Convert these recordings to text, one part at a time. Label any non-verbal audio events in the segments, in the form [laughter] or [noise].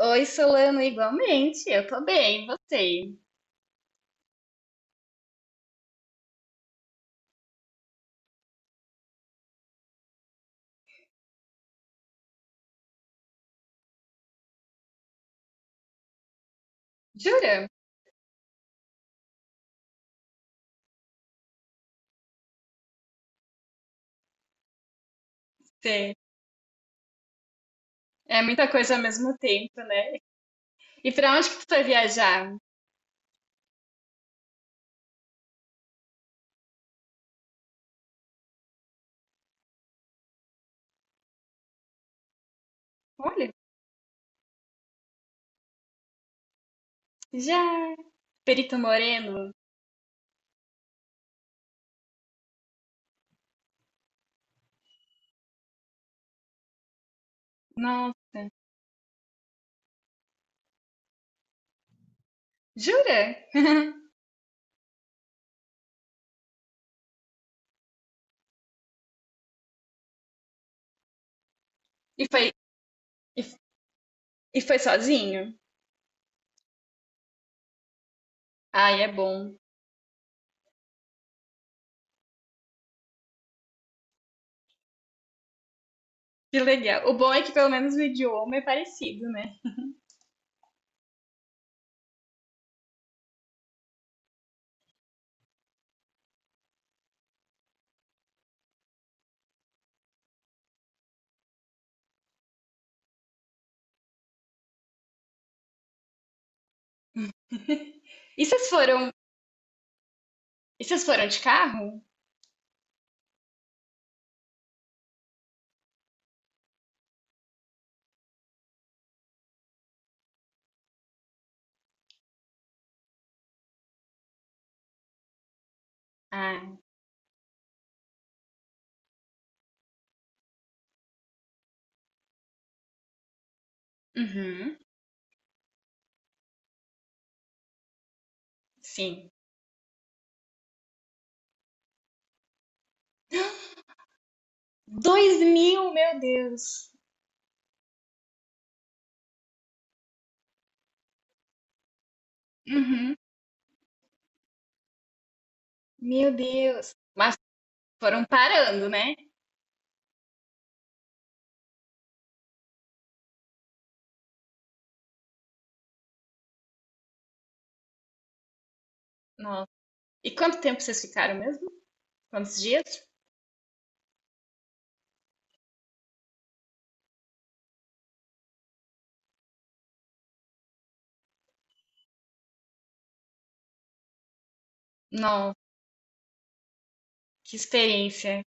Oi, Solano, igualmente. Eu tô bem, e você? Jura? Sim. É muita coisa ao mesmo tempo, né? E pra onde que tu vai viajar? Olha, já. Perito Moreno? Nossa, jura? E foi, e foi sozinho? Ai, é bom. Que legal. O bom é que pelo menos o idioma é parecido, né? E vocês foram, e vocês foram de carro? Ah, uhum, sim. Dois mil, meu Deus. Uhum, meu Deus. Mas foram parando, né? E quanto tempo vocês ficaram mesmo? Quantos dias? Nossa, que experiência.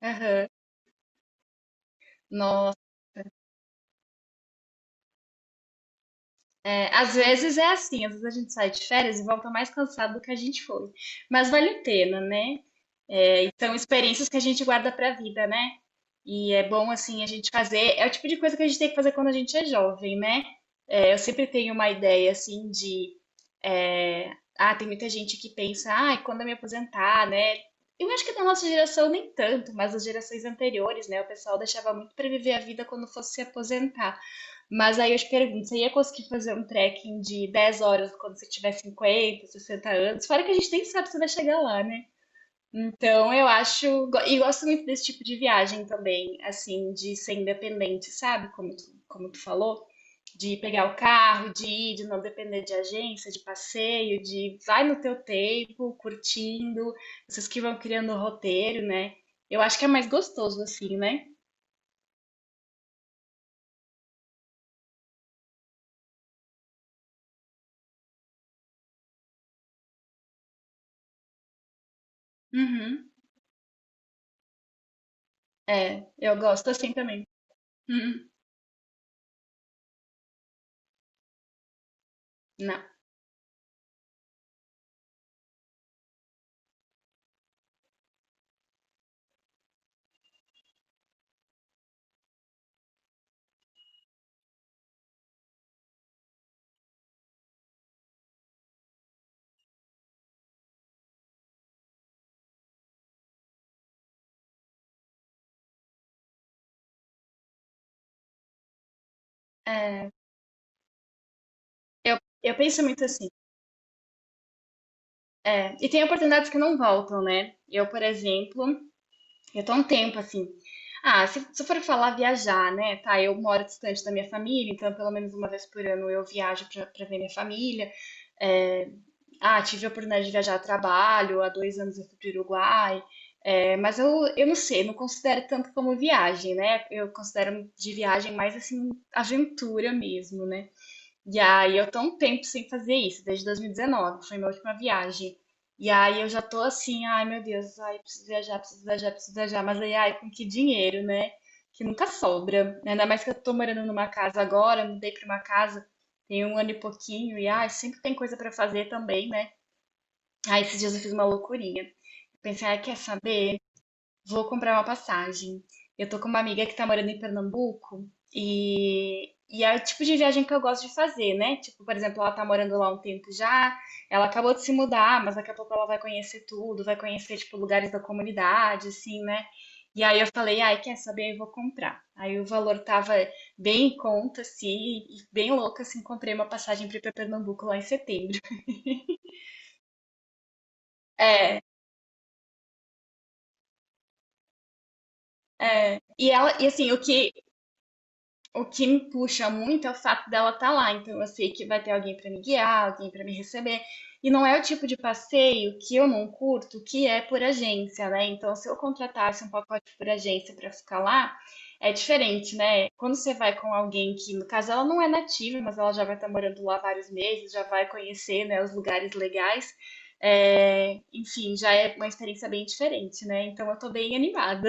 Aham. Nossa. É, às vezes é assim, às vezes a gente sai de férias e volta mais cansado do que a gente foi. Mas vale a pena, né? É, e são experiências que a gente guarda pra vida, né? E é bom, assim, a gente fazer. É o tipo de coisa que a gente tem que fazer quando a gente é jovem, né? É, eu sempre tenho uma ideia, assim, de. É, ah, tem muita gente que pensa, ah, quando eu me aposentar, né? Eu acho que da nossa geração nem tanto, mas as gerações anteriores, né? O pessoal deixava muito para viver a vida quando fosse se aposentar. Mas aí eu te pergunto, você ia conseguir fazer um trekking de 10 horas quando você tiver 50, 60 anos? Fora que a gente nem sabe se vai chegar lá, né? Então, eu acho. E gosto muito desse tipo de viagem também, assim, de ser independente, sabe? Como tu falou, de pegar o carro, de ir, de não depender de agência, de passeio, de vai no teu tempo, curtindo, vocês que vão criando o roteiro, né? Eu acho que é mais gostoso assim, né? Uhum. É, eu gosto assim também. Uhum. Não. É, Eu eu penso muito assim. É, e tem oportunidades que não voltam, né? Eu, por exemplo, eu tô há um tempo assim. Ah, se eu for falar viajar, né? Tá, eu moro distante da minha família, então pelo menos uma vez por ano eu viajo pra ver minha família. Ah, tive a oportunidade de viajar a trabalho, há 2 anos eu fui pro Uruguai. É, mas eu não sei, não considero tanto como viagem, né? Eu considero de viagem mais assim, aventura mesmo, né? E aí eu tô um tempo sem fazer isso, desde 2019, foi minha última viagem. E aí eu já tô assim, ai meu Deus, ai preciso viajar, preciso viajar, preciso viajar, mas aí ai com que dinheiro, né? Que nunca sobra. Ainda mais que eu tô morando numa casa agora, mudei pra uma casa tem um ano e pouquinho e ai sempre tem coisa pra fazer também, né? Aí esses dias eu fiz uma loucurinha. Pensei, ai, quer saber? Vou comprar uma passagem. Eu tô com uma amiga que tá morando em Pernambuco e é o tipo de viagem que eu gosto de fazer, né? Tipo, por exemplo, ela tá morando lá um tempo já, ela acabou de se mudar, mas daqui a pouco ela vai conhecer tudo, vai conhecer, tipo, lugares da comunidade, assim, né? E aí eu falei, ai, quer saber? Eu vou comprar. Aí o valor tava bem em conta, assim, e bem louca, assim, comprei uma passagem pra ir pra Pernambuco lá em setembro. É, é. E ela, e assim, o que me puxa muito é o fato dela estar lá, então eu sei que vai ter alguém para me guiar, alguém para me receber. E não é o tipo de passeio que eu não curto, que é por agência, né? Então, se eu contratasse um pacote por agência para ficar lá, é diferente, né? Quando você vai com alguém que, no caso, ela não é nativa, mas ela já vai estar morando lá vários meses, já vai conhecer, né, os lugares legais. É, enfim, já é uma experiência bem diferente, né? Então eu tô bem animada.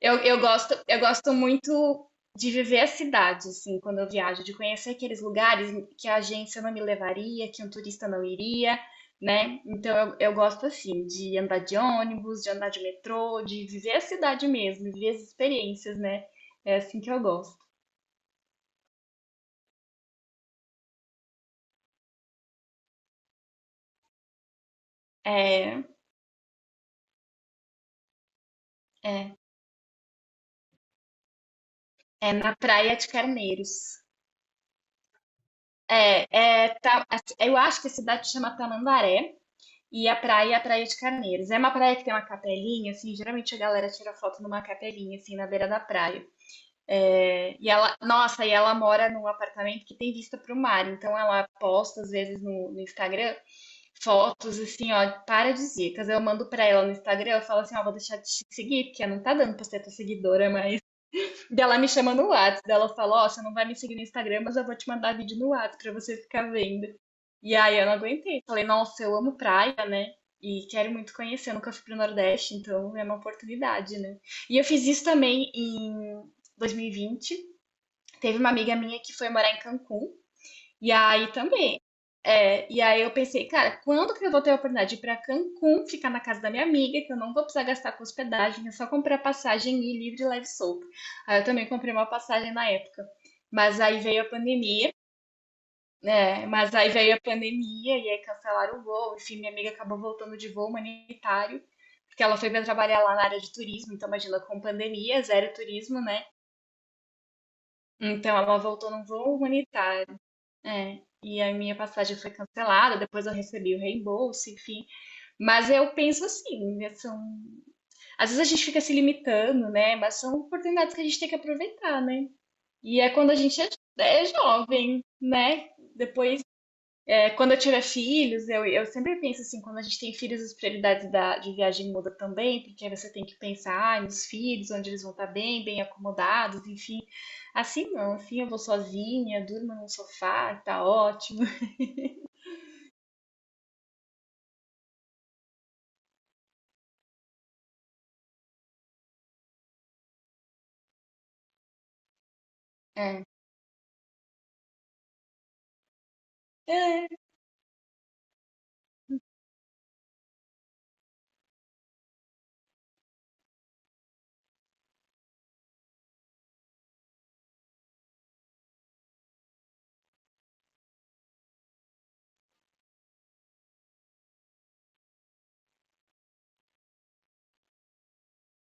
Eu gosto muito de viver a cidade, assim, quando eu viajo, de conhecer aqueles lugares que a agência não me levaria, que um turista não iria, né? Então eu gosto assim de andar de ônibus, de andar de metrô, de viver a cidade mesmo, viver as experiências, né? É assim que eu gosto. É, é. É. na Praia de Carneiros. É, é, tá, eu acho que a cidade chama Tamandaré. E a praia é a Praia de Carneiros. É uma praia que tem uma capelinha, assim, geralmente a galera tira foto numa capelinha, assim, na beira da praia. É, e ela, nossa, e ela mora num apartamento que tem vista para o mar, então ela posta, às vezes, no Instagram, fotos, assim, ó, paradisíacas. Eu mando pra ela no Instagram, eu falo assim, ó, vou deixar de te seguir, porque não tá dando pra ser tua seguidora, mas... [laughs] Daí ela me chama no WhatsApp, daí ela fala, ó, você não vai me seguir no Instagram, mas eu vou te mandar vídeo no WhatsApp pra você ficar vendo. E aí eu não aguentei. Falei, nossa, eu amo praia, e quero muito conhecer, eu nunca fui pro Nordeste, então é uma oportunidade, né? E eu fiz isso também em 2020. Teve uma amiga minha que foi morar em Cancún, e aí também. É, e aí eu pensei, cara, quando que eu vou ter a oportunidade de ir pra Cancún, ficar na casa da minha amiga, que eu não vou precisar gastar com hospedagem, é só comprar passagem e ir livre, leve e solto. Aí eu também comprei uma passagem na época. Mas aí veio a pandemia. É, mas aí veio a pandemia e aí cancelaram o voo. Enfim, minha amiga acabou voltando de voo humanitário, porque ela foi para trabalhar lá na área de turismo. Então, imagina, com pandemia, zero turismo, né? Então, ela voltou num voo humanitário. É, e a minha passagem foi cancelada. Depois, eu recebi o reembolso, enfim. Mas eu penso assim, né, são... Às vezes a gente fica se limitando, né? Mas são oportunidades que a gente tem que aproveitar, né? E é quando a gente é jovem, né? Depois. É, quando eu tiver filhos, eu sempre penso assim, quando a gente tem filhos, as prioridades da, de viagem mudam também, porque aí você tem que pensar ah, nos filhos, onde eles vão estar bem, bem acomodados, enfim. Assim não, assim eu vou sozinha, durmo num sofá, tá ótimo. É. É.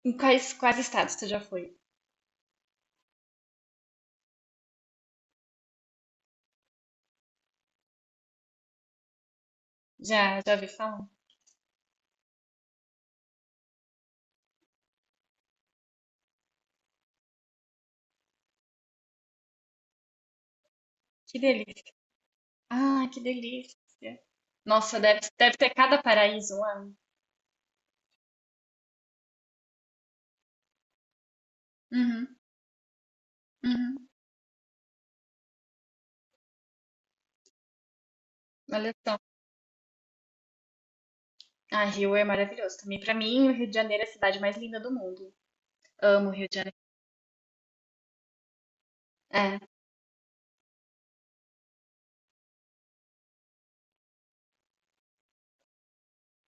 Em quais estados você já foi? Já, já ouvi falar? Que delícia. Ah, que delícia. Nossa, deve ter cada paraíso lá. Uhum, uhum. Olha só. Ah, Rio é maravilhoso também. Pra mim, o Rio de Janeiro é a cidade mais linda do mundo. Amo o Rio de Janeiro. É,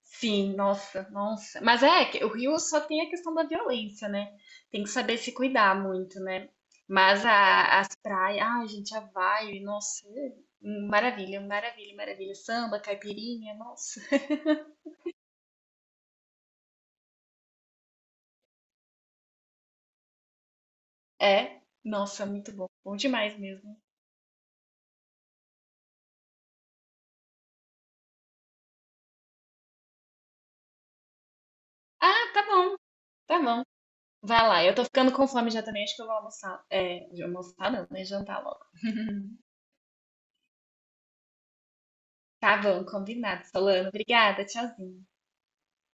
sim, nossa, nossa. Mas é, que o Rio só tem a questão da violência, né? Tem que saber se cuidar muito, né? Mas as praias, ai, gente, a vibe, nossa, é, maravilha, maravilha, maravilha. Samba, caipirinha, nossa. É, nossa, muito bom. Bom demais mesmo. Ah, tá bom, tá bom. Vai lá, eu tô ficando com fome já também, acho que eu vou almoçar. É, almoçar não, né? Jantar logo. Tá bom, combinado, Solano. Obrigada, tchauzinho.